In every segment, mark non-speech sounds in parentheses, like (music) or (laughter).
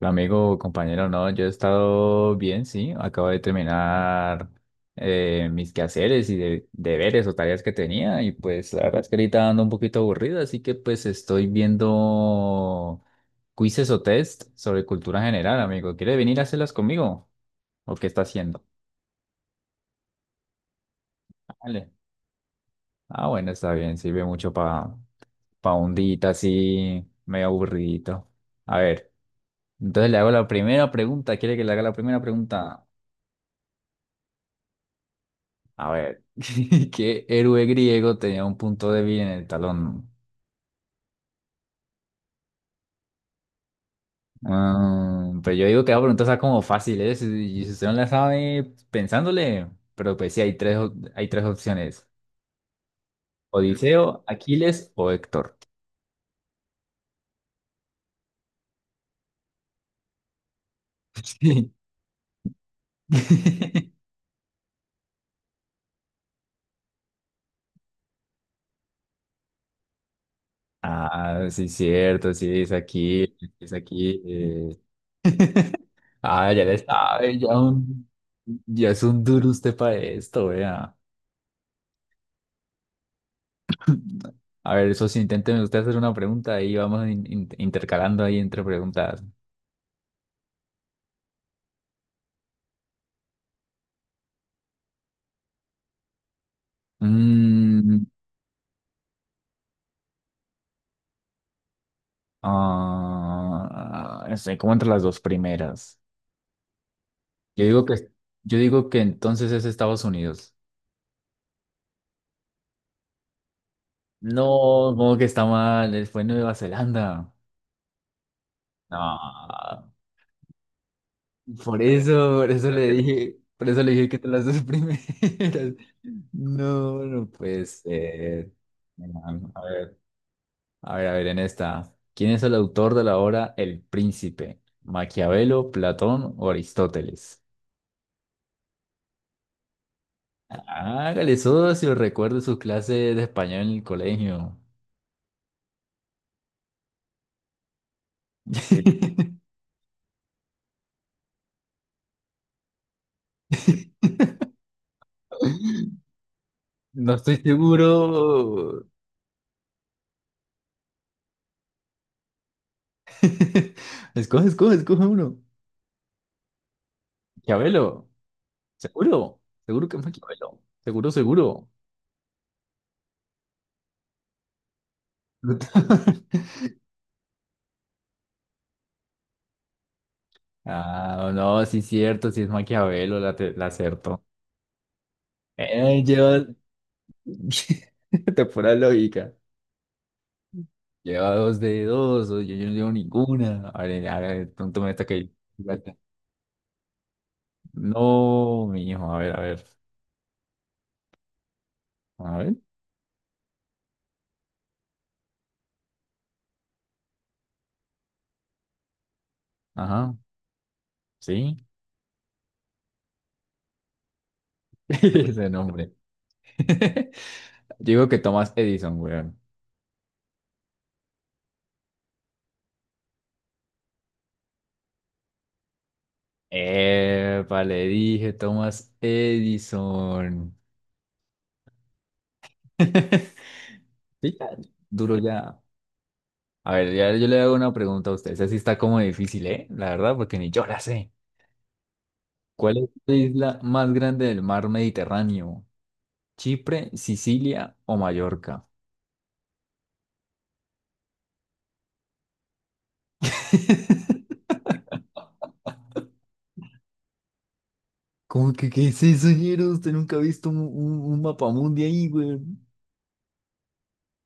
Amigo, compañero, no, yo he estado bien, sí. Acabo de terminar mis quehaceres y deberes o tareas que tenía y pues la verdad es que ahorita ando un poquito aburrido, así que pues estoy viendo quizzes o test sobre cultura general, amigo. ¿Quiere venir a hacerlas conmigo? ¿O qué está haciendo? Vale. Ah, bueno, está bien, sirve mucho para pa un día así medio aburridito. A ver, entonces le hago la primera pregunta. ¿Quiere que le haga la primera pregunta? A ver, (laughs) ¿qué héroe griego tenía un punto débil en el talón? Ah, pero yo digo que la pregunta está como fácil, ¿eh? Si, y si usted no la sabe pensándole, pero pues sí, hay tres, hay tres opciones. Odiseo, Aquiles o Héctor. (laughs) Sí. (laughs) Ah, sí, cierto, sí, es aquí, es aquí. (laughs) Ah, ya le sabe, ya, ya es un duro usted para esto, vea. A ver, socio, inténteme usted hacer una pregunta y vamos intercalando ahí entre preguntas. Mm, ah, no sé, ¿cómo entre las dos primeras? Yo digo que, yo digo que entonces es Estados Unidos. No, como que está mal, fue Nueva Zelanda. No, por eso le dije, por eso le dije que te las dos primeras. (laughs) No, no puede ser. Bueno, a ver. A ver, a ver, en esta. ¿Quién es el autor de la obra El Príncipe? ¿Maquiavelo, Platón o Aristóteles? Hágale eso si recuerde sus clases de español en el colegio. Sí. (laughs) No estoy seguro. (laughs) Escoge, escoge, escoge uno. Maquiavelo, seguro, seguro que es Maquiavelo, seguro, seguro. (laughs) Ah, no, sí es cierto, sí es Maquiavelo, la, la acertó. Lleva (laughs) de pura lógica. Lleva dos de dos, o yo no llevo ninguna. A ver, pronto me está que. No, mi hijo, a ver, a ver. A ver, ajá, sí. (laughs) Ese nombre. (laughs) Digo que Thomas Edison, weón. Epa, le dije Thomas Edison. (laughs) Sí, ya, duro ya. A ver, ya yo le hago una pregunta a usted. Esa sí está como difícil, ¿eh? La verdad, porque ni yo la sé. ¿Cuál es la isla más grande del mar Mediterráneo? ¿Chipre, Sicilia o Mallorca? (laughs) ¿Cómo que qué es eso, ñero? Usted nunca ha visto un mapamundi ahí, güey.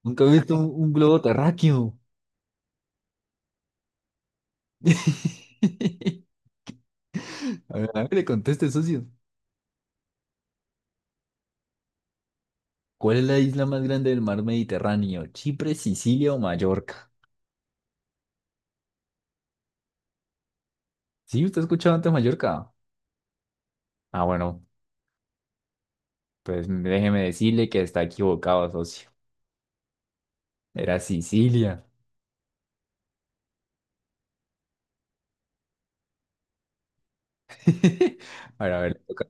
Nunca ha visto un globo terráqueo. (laughs) A ver, le conteste, socio. ¿Cuál es la isla más grande del mar Mediterráneo? ¿Chipre, Sicilia o Mallorca? ¿Sí? ¿Usted ha escuchado antes Mallorca? Ah, bueno, pues déjeme decirle que está equivocado, socio. Era Sicilia. (laughs) A ver, le toca.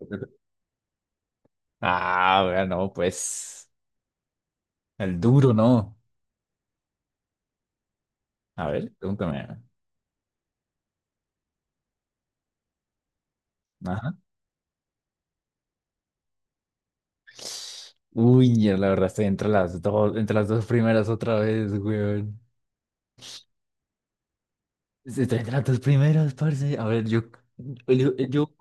Ah, vea no, pues. El duro, no. A ver, pregúntame. Ajá. Uy, ya la verdad estoy entre las dos primeras otra vez, weón. Estoy entre las dos primeras, parce. A ver, yo, yo,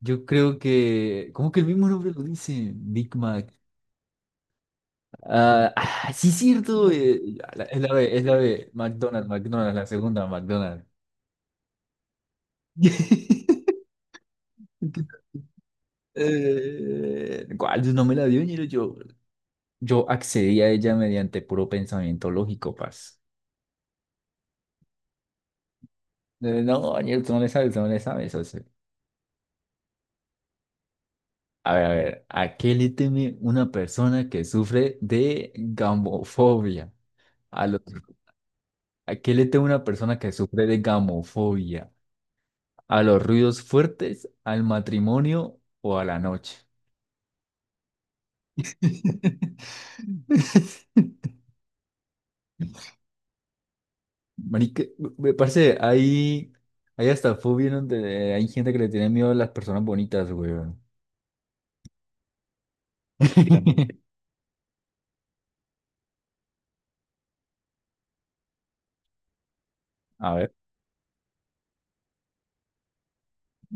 yo creo que. ¿Cómo que el mismo nombre lo dice? Big Mac. Ah, ah, sí, cierto. Es la B. McDonald's, McDonald's, la segunda, McDonald's. (laughs) ¿Cuál? No me la dio ni yo. Yo accedí a ella mediante puro pensamiento lógico, paz. No, Daniel, tú no le sabes, tú no le sabes. O sea, a ver, a ver, ¿a qué le teme una persona que sufre de gamofobia? A los- ¿A qué le teme una persona que sufre de gamofobia? ¿A los ruidos fuertes, al matrimonio o a la noche? (laughs) Marica, me parece, hay hasta fobias donde hay gente que le tiene miedo a las personas bonitas, weón. (laughs) A ver,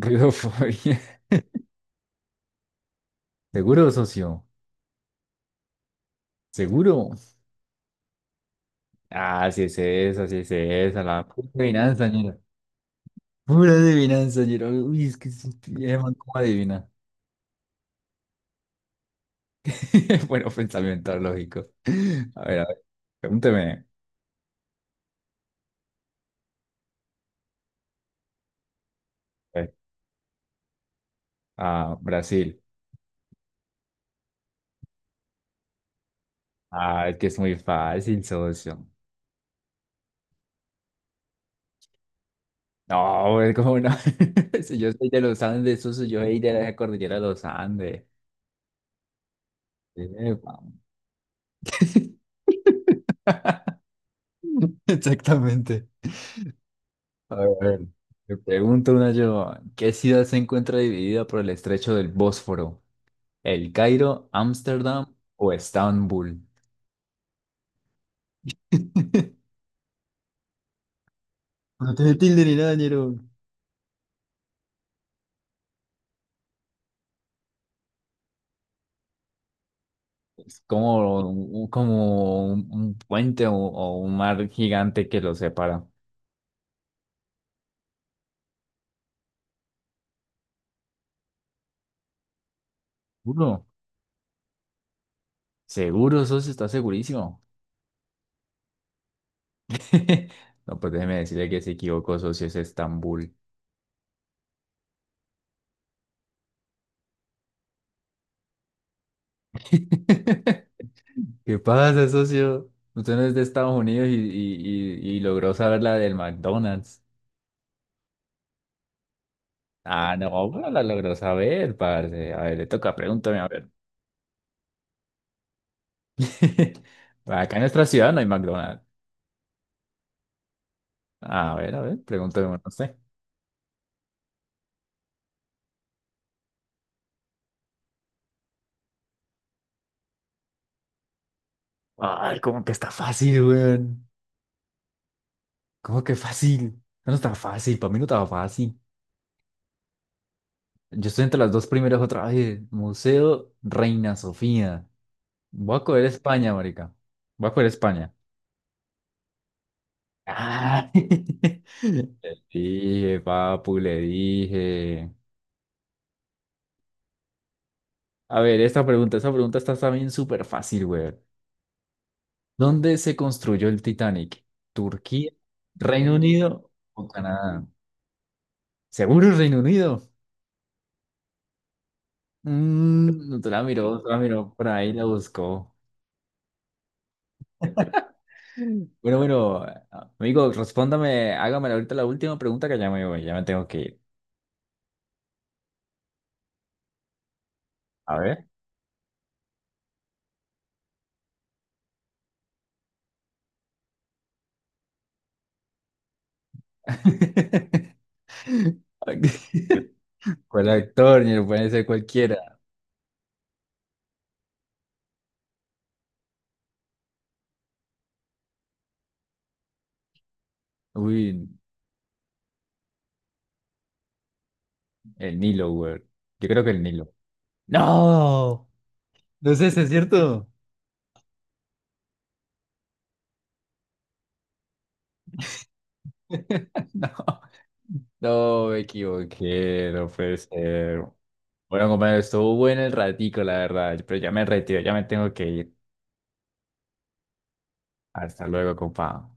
ruidofobia. (laughs) ¿Seguro, socio? ¿Seguro? Ah, sí es esa, la pura adivinanza, ñero. Pura adivinanza, ñero. Uy, es que sí, man, ¿cómo adivina? (laughs) Bueno, pensamiento lógico. A ver, pregúnteme. A ver, ah, Brasil. Ah, es que es muy fácil, socio. No, es como no. (laughs) Si yo soy de los Andes, socio, yo soy de la cordillera de los Andes. Epa. (laughs) Exactamente. A ver, me pregunto una yo, ¿qué ciudad se encuentra dividida por el estrecho del Bósforo? ¿El Cairo, Ámsterdam o Estambul? (laughs) No tiene tilde ni nada, ñero. Es como, como un puente o un mar gigante que los separa. ¿Seguro? Seguro, socio, está segurísimo. (laughs) No, pues déjeme decirle que se equivocó, socio, es Estambul. (laughs) ¿Qué pasa, socio? Usted no es de Estados Unidos y logró saber la del McDonald's. Ah, no, pero la logró saber, parce. A ver, le toca, pregúntame, a ver. (laughs) Acá en nuestra ciudad no hay McDonald's. A ver, pregúntame, no sé. Ay, ¿cómo que está fácil, weón? ¿Cómo que fácil? No está fácil, para mí no estaba fácil. Yo estoy entre las dos primeras otra vez. Museo Reina Sofía. Voy a coger España, marica. Voy a coger España. Ah, (laughs) le dije, papu, le dije. A ver, esta pregunta está también súper fácil, güey. ¿Dónde se construyó el Titanic? ¿Turquía, Reino Unido o Canadá? Seguro el Reino Unido. Mm, no te la miró, no te la miró, por ahí la buscó. (laughs) Bueno, bueno, amigo, respóndame, hágame ahorita la última pregunta que ya me voy, ya me tengo que ir. A ver. (laughs) ¿Cuál actor? Ni lo pueden ser cualquiera. Uy, el Nilo, güey. Yo creo que el Nilo. ¡No! No sé si es cierto. (laughs) No, no, me equivoqué. No puede ser. Bueno, compañero, estuvo bueno el ratico, la verdad. Pero ya me retiro, ya me tengo que ir. Hasta luego, compa.